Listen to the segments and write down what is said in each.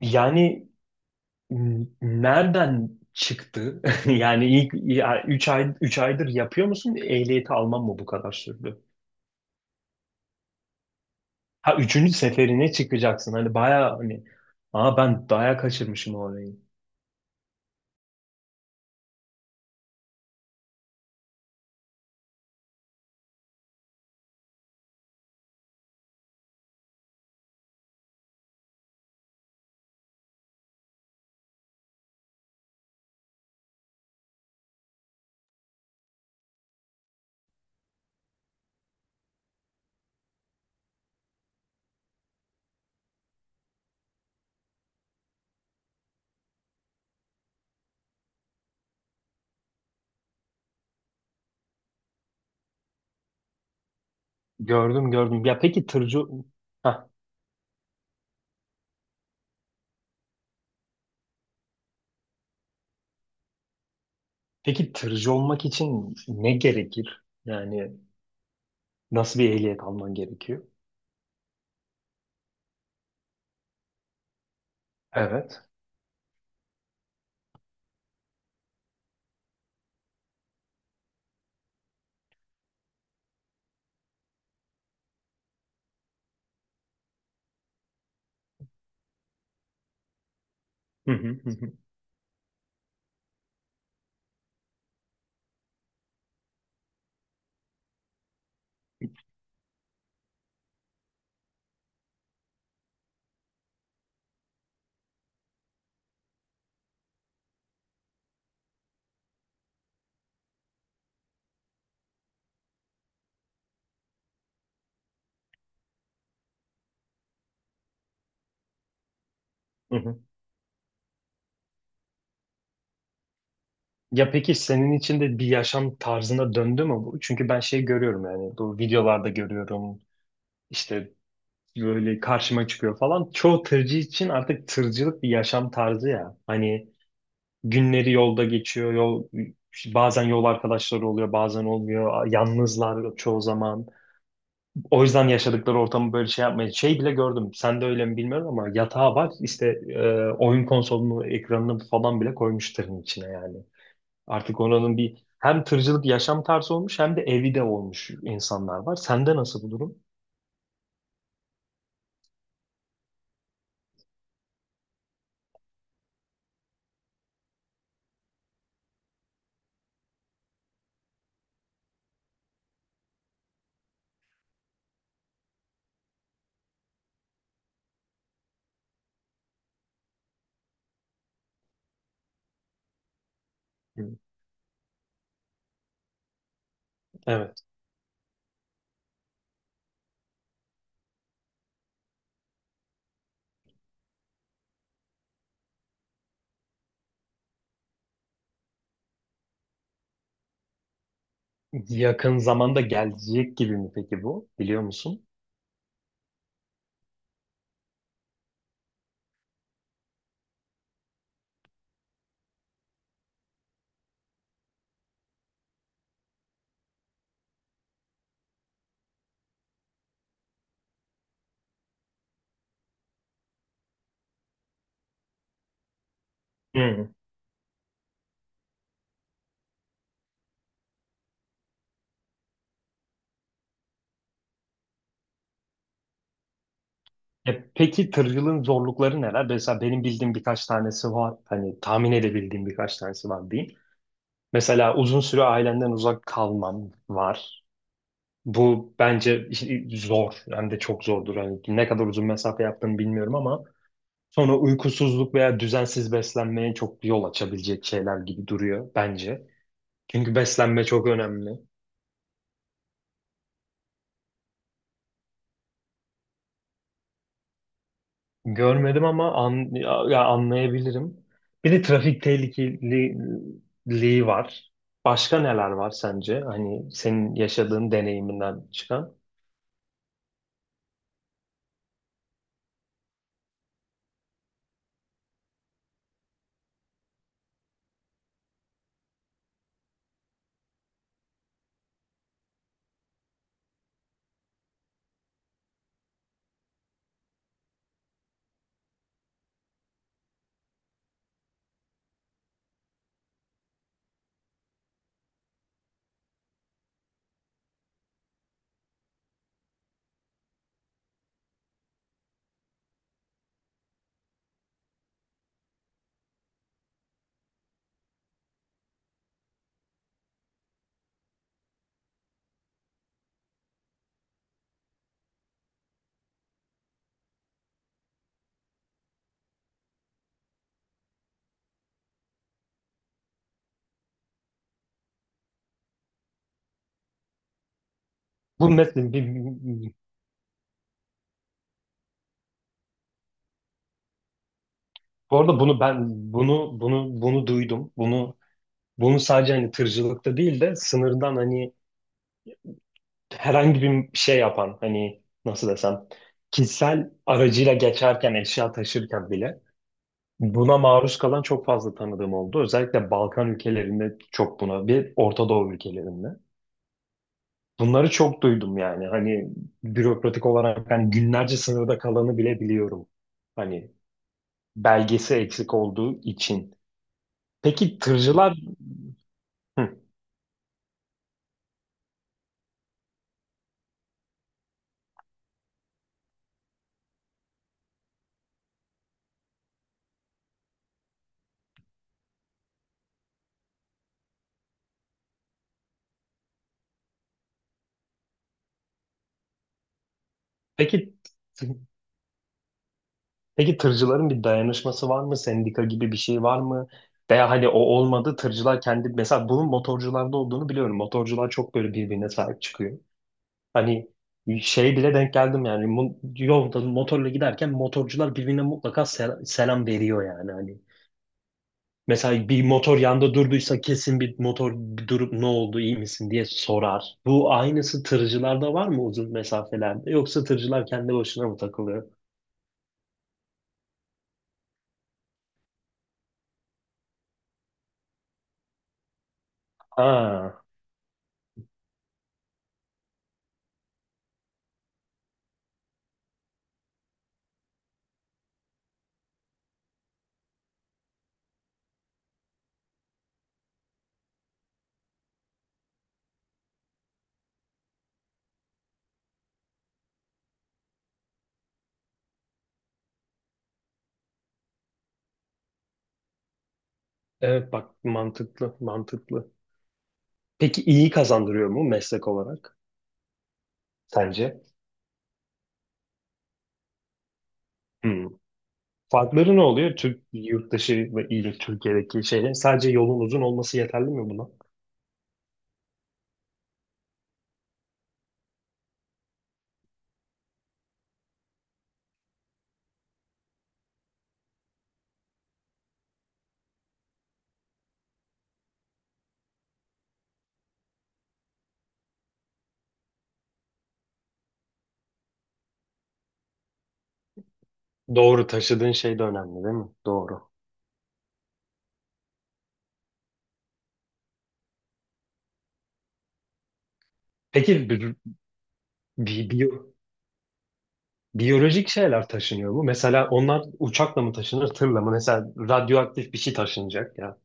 Yani nereden çıktı? Yani ilk 3 aydır yapıyor musun? Ehliyeti alman mı bu kadar sürdü? Ha üçüncü seferine çıkacaksın. Hani bayağı hani aa ben bayağı kaçırmışım orayı. Gördüm gördüm. Ya peki tırcı ha peki tırcı olmak için ne gerekir? Yani nasıl bir ehliyet alman gerekiyor? Evet. Hı hı, hı hı. Hı hı. Ya peki senin için de bir yaşam tarzına döndü mü bu? Çünkü ben şey görüyorum, yani bu videolarda görüyorum. İşte böyle karşıma çıkıyor falan. Çoğu tırcı için artık tırcılık bir yaşam tarzı ya. Hani günleri yolda geçiyor, bazen yol arkadaşları oluyor, bazen olmuyor. Yalnızlar çoğu zaman. O yüzden yaşadıkları ortamı böyle şey yapmaya. Şey bile gördüm. Sen de öyle mi bilmiyorum ama yatağı var. İşte oyun konsolunu, ekranını falan bile koymuş tırın içine yani. Artık oranın bir hem tırcılık yaşam tarzı olmuş hem de evi de olmuş insanlar var. Sende nasıl bu durum? Hı. Evet. Yakın zamanda gelecek gibi mi peki bu? Biliyor musun? Hı. E peki tırcılığın zorlukları neler? Mesela benim bildiğim birkaç tanesi var. Hani tahmin edebildiğim birkaç tanesi var diyeyim. Mesela uzun süre ailemden uzak kalmam var. Bu bence zor. Hem de çok zordur. Hani ne kadar uzun mesafe yaptığını bilmiyorum ama sonra uykusuzluk veya düzensiz beslenmeye çok yol açabilecek şeyler gibi duruyor bence. Çünkü beslenme çok önemli. Görmedim ama an, ya, ya anlayabilirim. Bir de trafik tehlikeliliği var. Başka neler var sence? Hani senin yaşadığın deneyiminden çıkan. Bu mesela bir, bu arada bunu duydum. Bunu sadece hani tırcılıkta değil de sınırdan hani herhangi bir şey yapan hani nasıl desem kişisel aracıyla geçerken eşya taşırken bile buna maruz kalan çok fazla tanıdığım oldu. Özellikle Balkan ülkelerinde çok buna bir Orta Doğu ülkelerinde. Bunları çok duydum yani hani bürokratik olarak hani günlerce sınırda kalanı bile biliyorum. Hani belgesi eksik olduğu için. Peki tırcılar hı. peki Peki tırcıların bir dayanışması var mı? Sendika gibi bir şey var mı? Veya hani o olmadı tırcılar kendi mesela bunun motorcularda olduğunu biliyorum. Motorcular çok böyle birbirine sahip çıkıyor. Hani şey bile denk geldim yani yolda motorla giderken motorcular birbirine mutlaka selam veriyor yani hani. Mesela bir motor yanda durduysa kesin bir motor bir durup ne oldu, iyi misin diye sorar. Bu aynısı tırcılarda var mı uzun mesafelerde, yoksa tırcılar kendi başına mı takılıyor? Ha. Evet bak, mantıklı mantıklı. Peki iyi kazandırıyor mu meslek olarak sence? Hmm. Farkları ne oluyor? Türk yurt dışı ve ile Türkiye'deki şeylerin sadece yolun uzun olması yeterli mi buna? Doğru, taşıdığın şey de önemli değil mi? Doğru. Peki bi- biyo- biyolojik şeyler taşınıyor mu? Mesela onlar uçakla mı taşınır, tırla mı? Mesela radyoaktif bir şey taşınacak ya.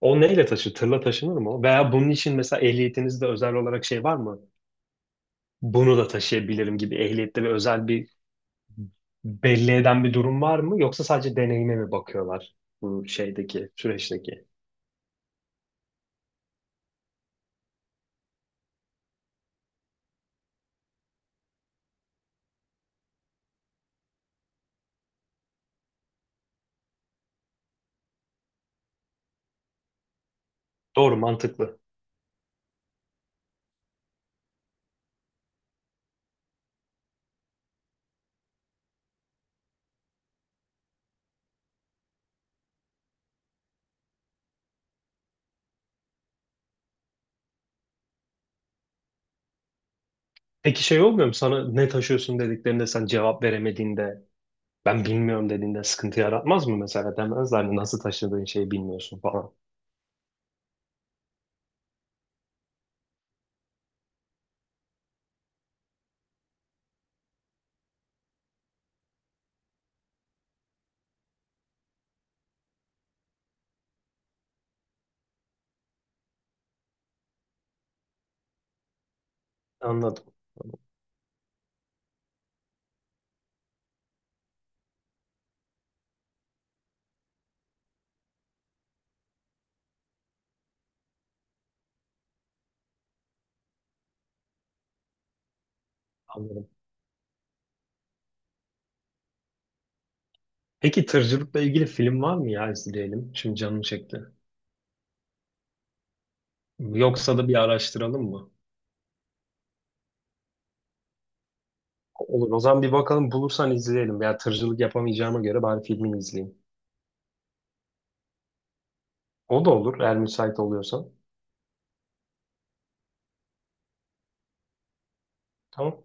O neyle taşır? Tırla taşınır mı o? Veya bunun için mesela ehliyetinizde özel olarak şey var mı? Bunu da taşıyabilirim gibi ehliyette bir özel bir belli eden bir durum var mı, yoksa sadece deneyime mi bakıyorlar bu şeydeki süreçteki? Doğru, mantıklı. Peki şey olmuyor mu sana ne taşıyorsun dediklerinde sen cevap veremediğinde, ben bilmiyorum dediğinde sıkıntı yaratmaz mı, mesela demezler mi nasıl taşıdığın şeyi bilmiyorsun falan. Anladım, anladım. Peki tırcılıkla ilgili film var mı ya, izleyelim? Şimdi canım çekti. Yoksa da bir araştıralım mı? Olur. O zaman bir bakalım, bulursan izleyelim. Ya tırcılık yapamayacağıma göre bari filmini izleyeyim. O da olur eğer müsait oluyorsan. Tamam.